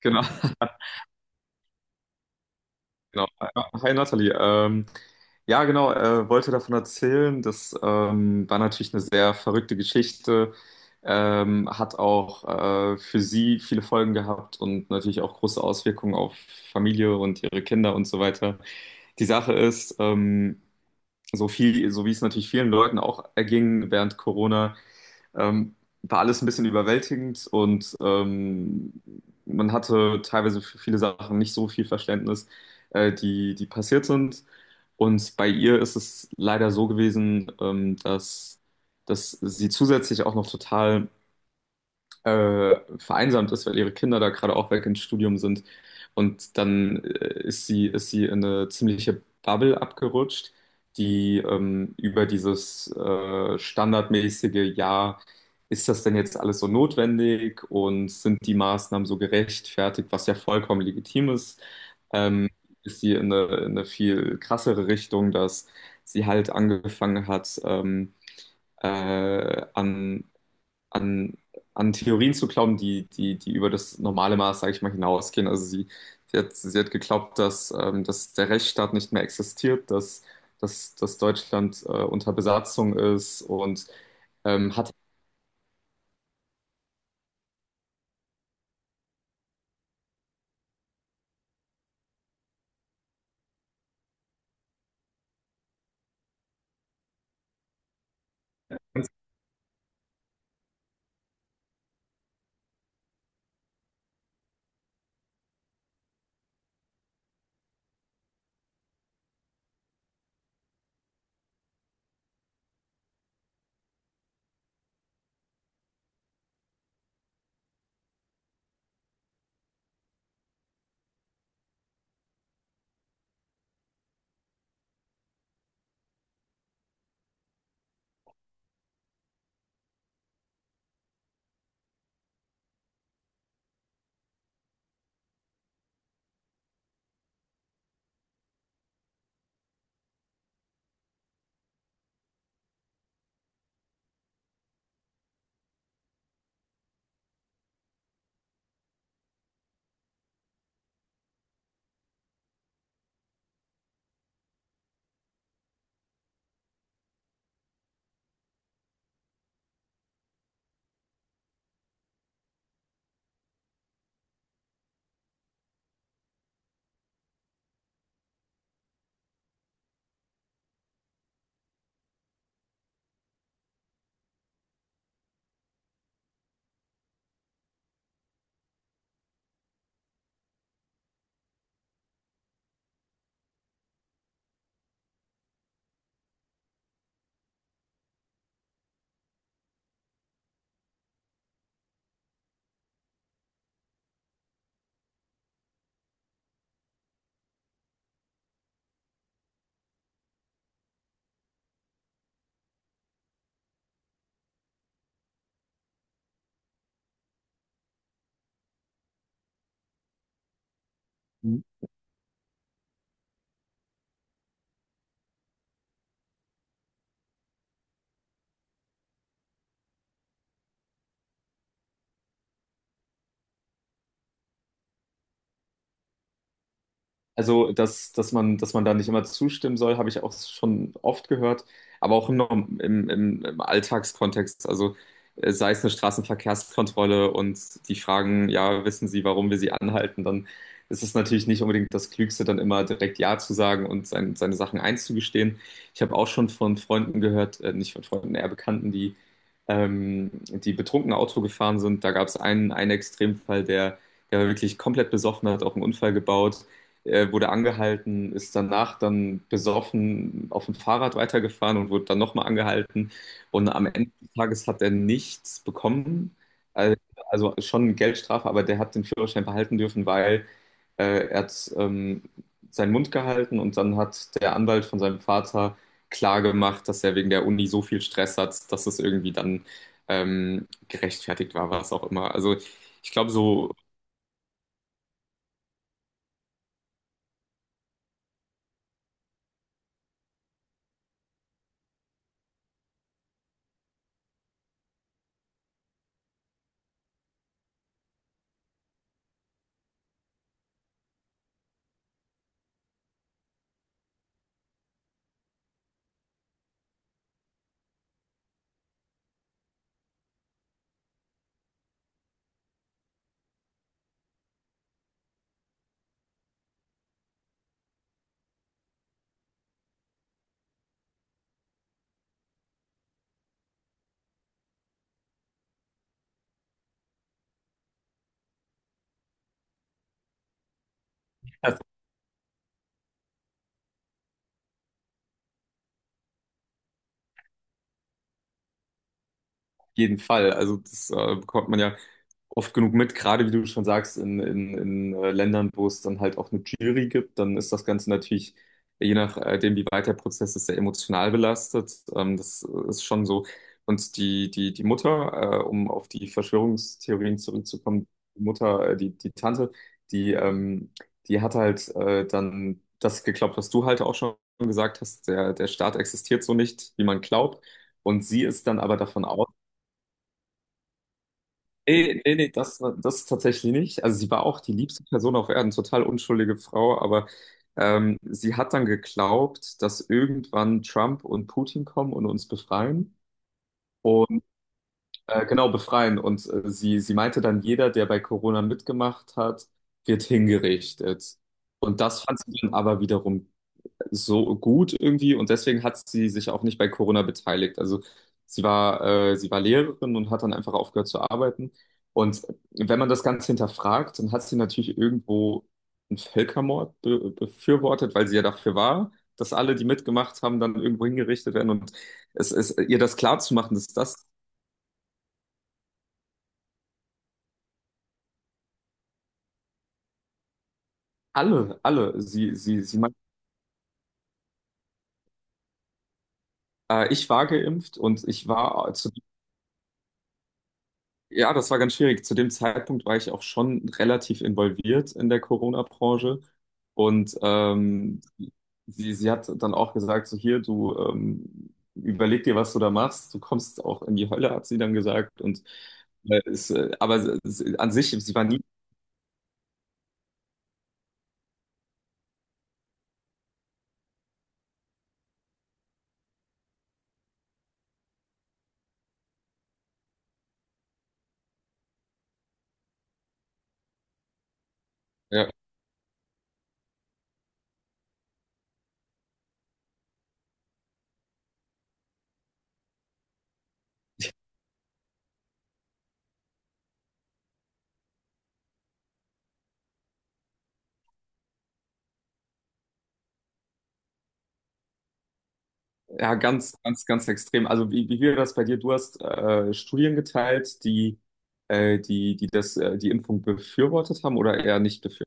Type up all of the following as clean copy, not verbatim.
Genau, genau. Hi Nathalie. Ja, genau, wollte davon erzählen. Das war natürlich eine sehr verrückte Geschichte. Hat auch für sie viele Folgen gehabt und natürlich auch große Auswirkungen auf Familie und ihre Kinder und so weiter. Die Sache ist, so viel, so wie es natürlich vielen Leuten auch erging während Corona, Ähm, war alles ein bisschen überwältigend, und man hatte teilweise für viele Sachen nicht so viel Verständnis, die passiert sind. Und bei ihr ist es leider so gewesen, dass, sie zusätzlich auch noch total vereinsamt ist, weil ihre Kinder da gerade auch weg ins Studium sind. Und dann ist sie in eine ziemliche Bubble abgerutscht, die über dieses standardmäßige, ja, ist das denn jetzt alles so notwendig und sind die Maßnahmen so gerechtfertigt, was ja vollkommen legitim ist, ähm, ist sie in eine viel krassere Richtung, dass sie halt angefangen hat, äh, an an, an Theorien zu glauben, die über das normale Maß, sage ich mal, hinausgehen. Also sie hat geglaubt, dass, dass der Rechtsstaat nicht mehr existiert, dass Deutschland unter Besatzung ist und hat. Also, dass man da nicht immer zustimmen soll, habe ich auch schon oft gehört, aber auch im, Norm- im, im, im Alltagskontext. Also, sei es eine Straßenverkehrskontrolle und die fragen, ja, wissen Sie, warum wir Sie anhalten, dann ist es natürlich nicht unbedingt das Klügste, dann immer direkt Ja zu sagen und seine Sachen einzugestehen. Ich habe auch schon von Freunden gehört, nicht von Freunden, eher Bekannten, die, die betrunken Auto gefahren sind. Da gab es einen Extremfall, der war wirklich komplett besoffen, hat auch einen Unfall gebaut. Er wurde angehalten, ist danach dann besoffen auf dem Fahrrad weitergefahren und wurde dann nochmal angehalten. Und am Ende des Tages hat er nichts bekommen. Also also schon eine Geldstrafe, aber der hat den Führerschein behalten dürfen, weil er hat seinen Mund gehalten, und dann hat der Anwalt von seinem Vater klar gemacht, dass er wegen der Uni so viel Stress hat, dass es irgendwie dann gerechtfertigt war, was auch immer. Also ich glaube, so jeden Fall. Also das bekommt man ja oft genug mit, gerade wie du schon sagst, in Ländern, wo es dann halt auch eine Jury gibt, dann ist das Ganze natürlich, je nachdem, wie weit der Prozess ist, sehr emotional belastet. Das ist schon so. Und die Mutter, um auf die Verschwörungstheorien zurückzukommen, die Mutter, die Tante, die, ähm, die hat halt dann das geglaubt, was du halt auch schon gesagt hast, der Staat existiert so nicht, wie man glaubt. Und sie ist dann aber davon. Nee, nee, nee, das tatsächlich nicht. Also sie war auch die liebste Person auf Erden, total unschuldige Frau, aber sie hat dann geglaubt, dass irgendwann Trump und Putin kommen und uns befreien. Und genau, befreien. Und sie meinte dann, jeder, der bei Corona mitgemacht hat, wird hingerichtet. Und das fand sie dann aber wiederum so gut irgendwie, und deswegen hat sie sich auch nicht bei Corona beteiligt. Also sie war Lehrerin und hat dann einfach aufgehört zu arbeiten. Und wenn man das Ganze hinterfragt, dann hat sie natürlich irgendwo einen Völkermord be befürwortet, weil sie ja dafür war, dass alle, die mitgemacht haben, dann irgendwo hingerichtet werden. Und es ist ihr das klarzumachen, dass das alle, sie meint, ich war geimpft und ich war zu. Ja, das war ganz schwierig. Zu dem Zeitpunkt war ich auch schon relativ involviert in der Corona-Branche. Und sie hat dann auch gesagt, so hier, du überleg dir, was du da machst. Du kommst auch in die Hölle, hat sie dann gesagt. Und aber an sich, sie war nie, ja, ja, ganz extrem. Also wie wäre das bei dir? Du hast Studien geteilt, die das, die Impfung befürwortet haben oder eher nicht befürwortet.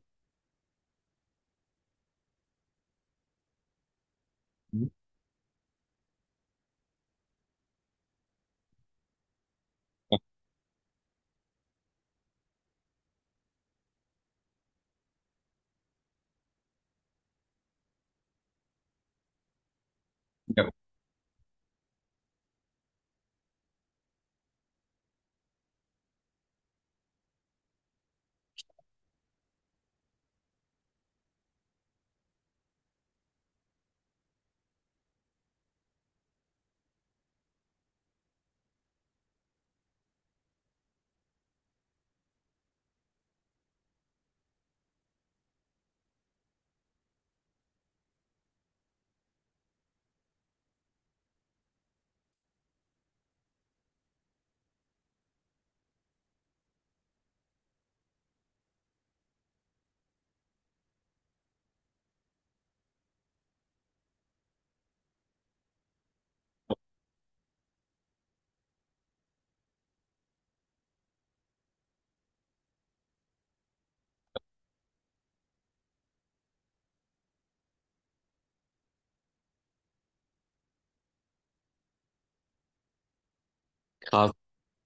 Ja, krass.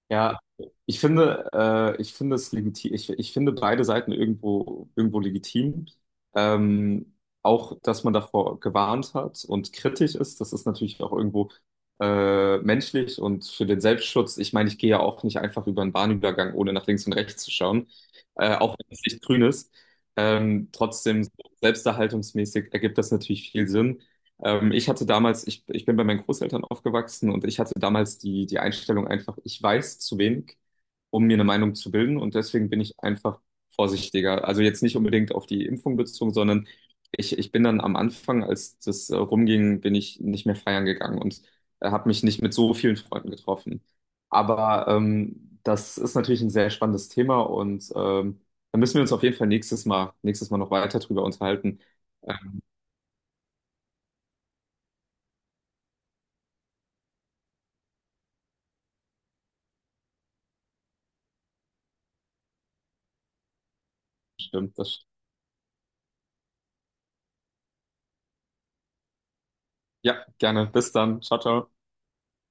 Ja, ich finde es legitim, ich finde beide Seiten irgendwo, irgendwo legitim. Ähm, Auch, dass man davor gewarnt hat und kritisch ist, das ist natürlich auch irgendwo menschlich und für den Selbstschutz. Ich meine, ich gehe ja auch nicht einfach über einen Bahnübergang, ohne nach links und rechts zu schauen, auch wenn es nicht grün ist. Trotzdem, so selbsterhaltungsmäßig ergibt das natürlich viel Sinn. Ich hatte damals, ich bin bei meinen Großeltern aufgewachsen, und ich hatte damals die Einstellung einfach, ich weiß zu wenig, um mir eine Meinung zu bilden, und deswegen bin ich einfach vorsichtiger. Also jetzt nicht unbedingt auf die Impfung bezogen, sondern ich bin dann am Anfang, als das rumging, bin ich nicht mehr feiern gegangen und habe mich nicht mit so vielen Freunden getroffen. Aber das ist natürlich ein sehr spannendes Thema, und da müssen wir uns auf jeden Fall nächstes Mal noch weiter drüber unterhalten. Ähm, stimmt, das. Ja, gerne. Bis dann. Ciao, ciao.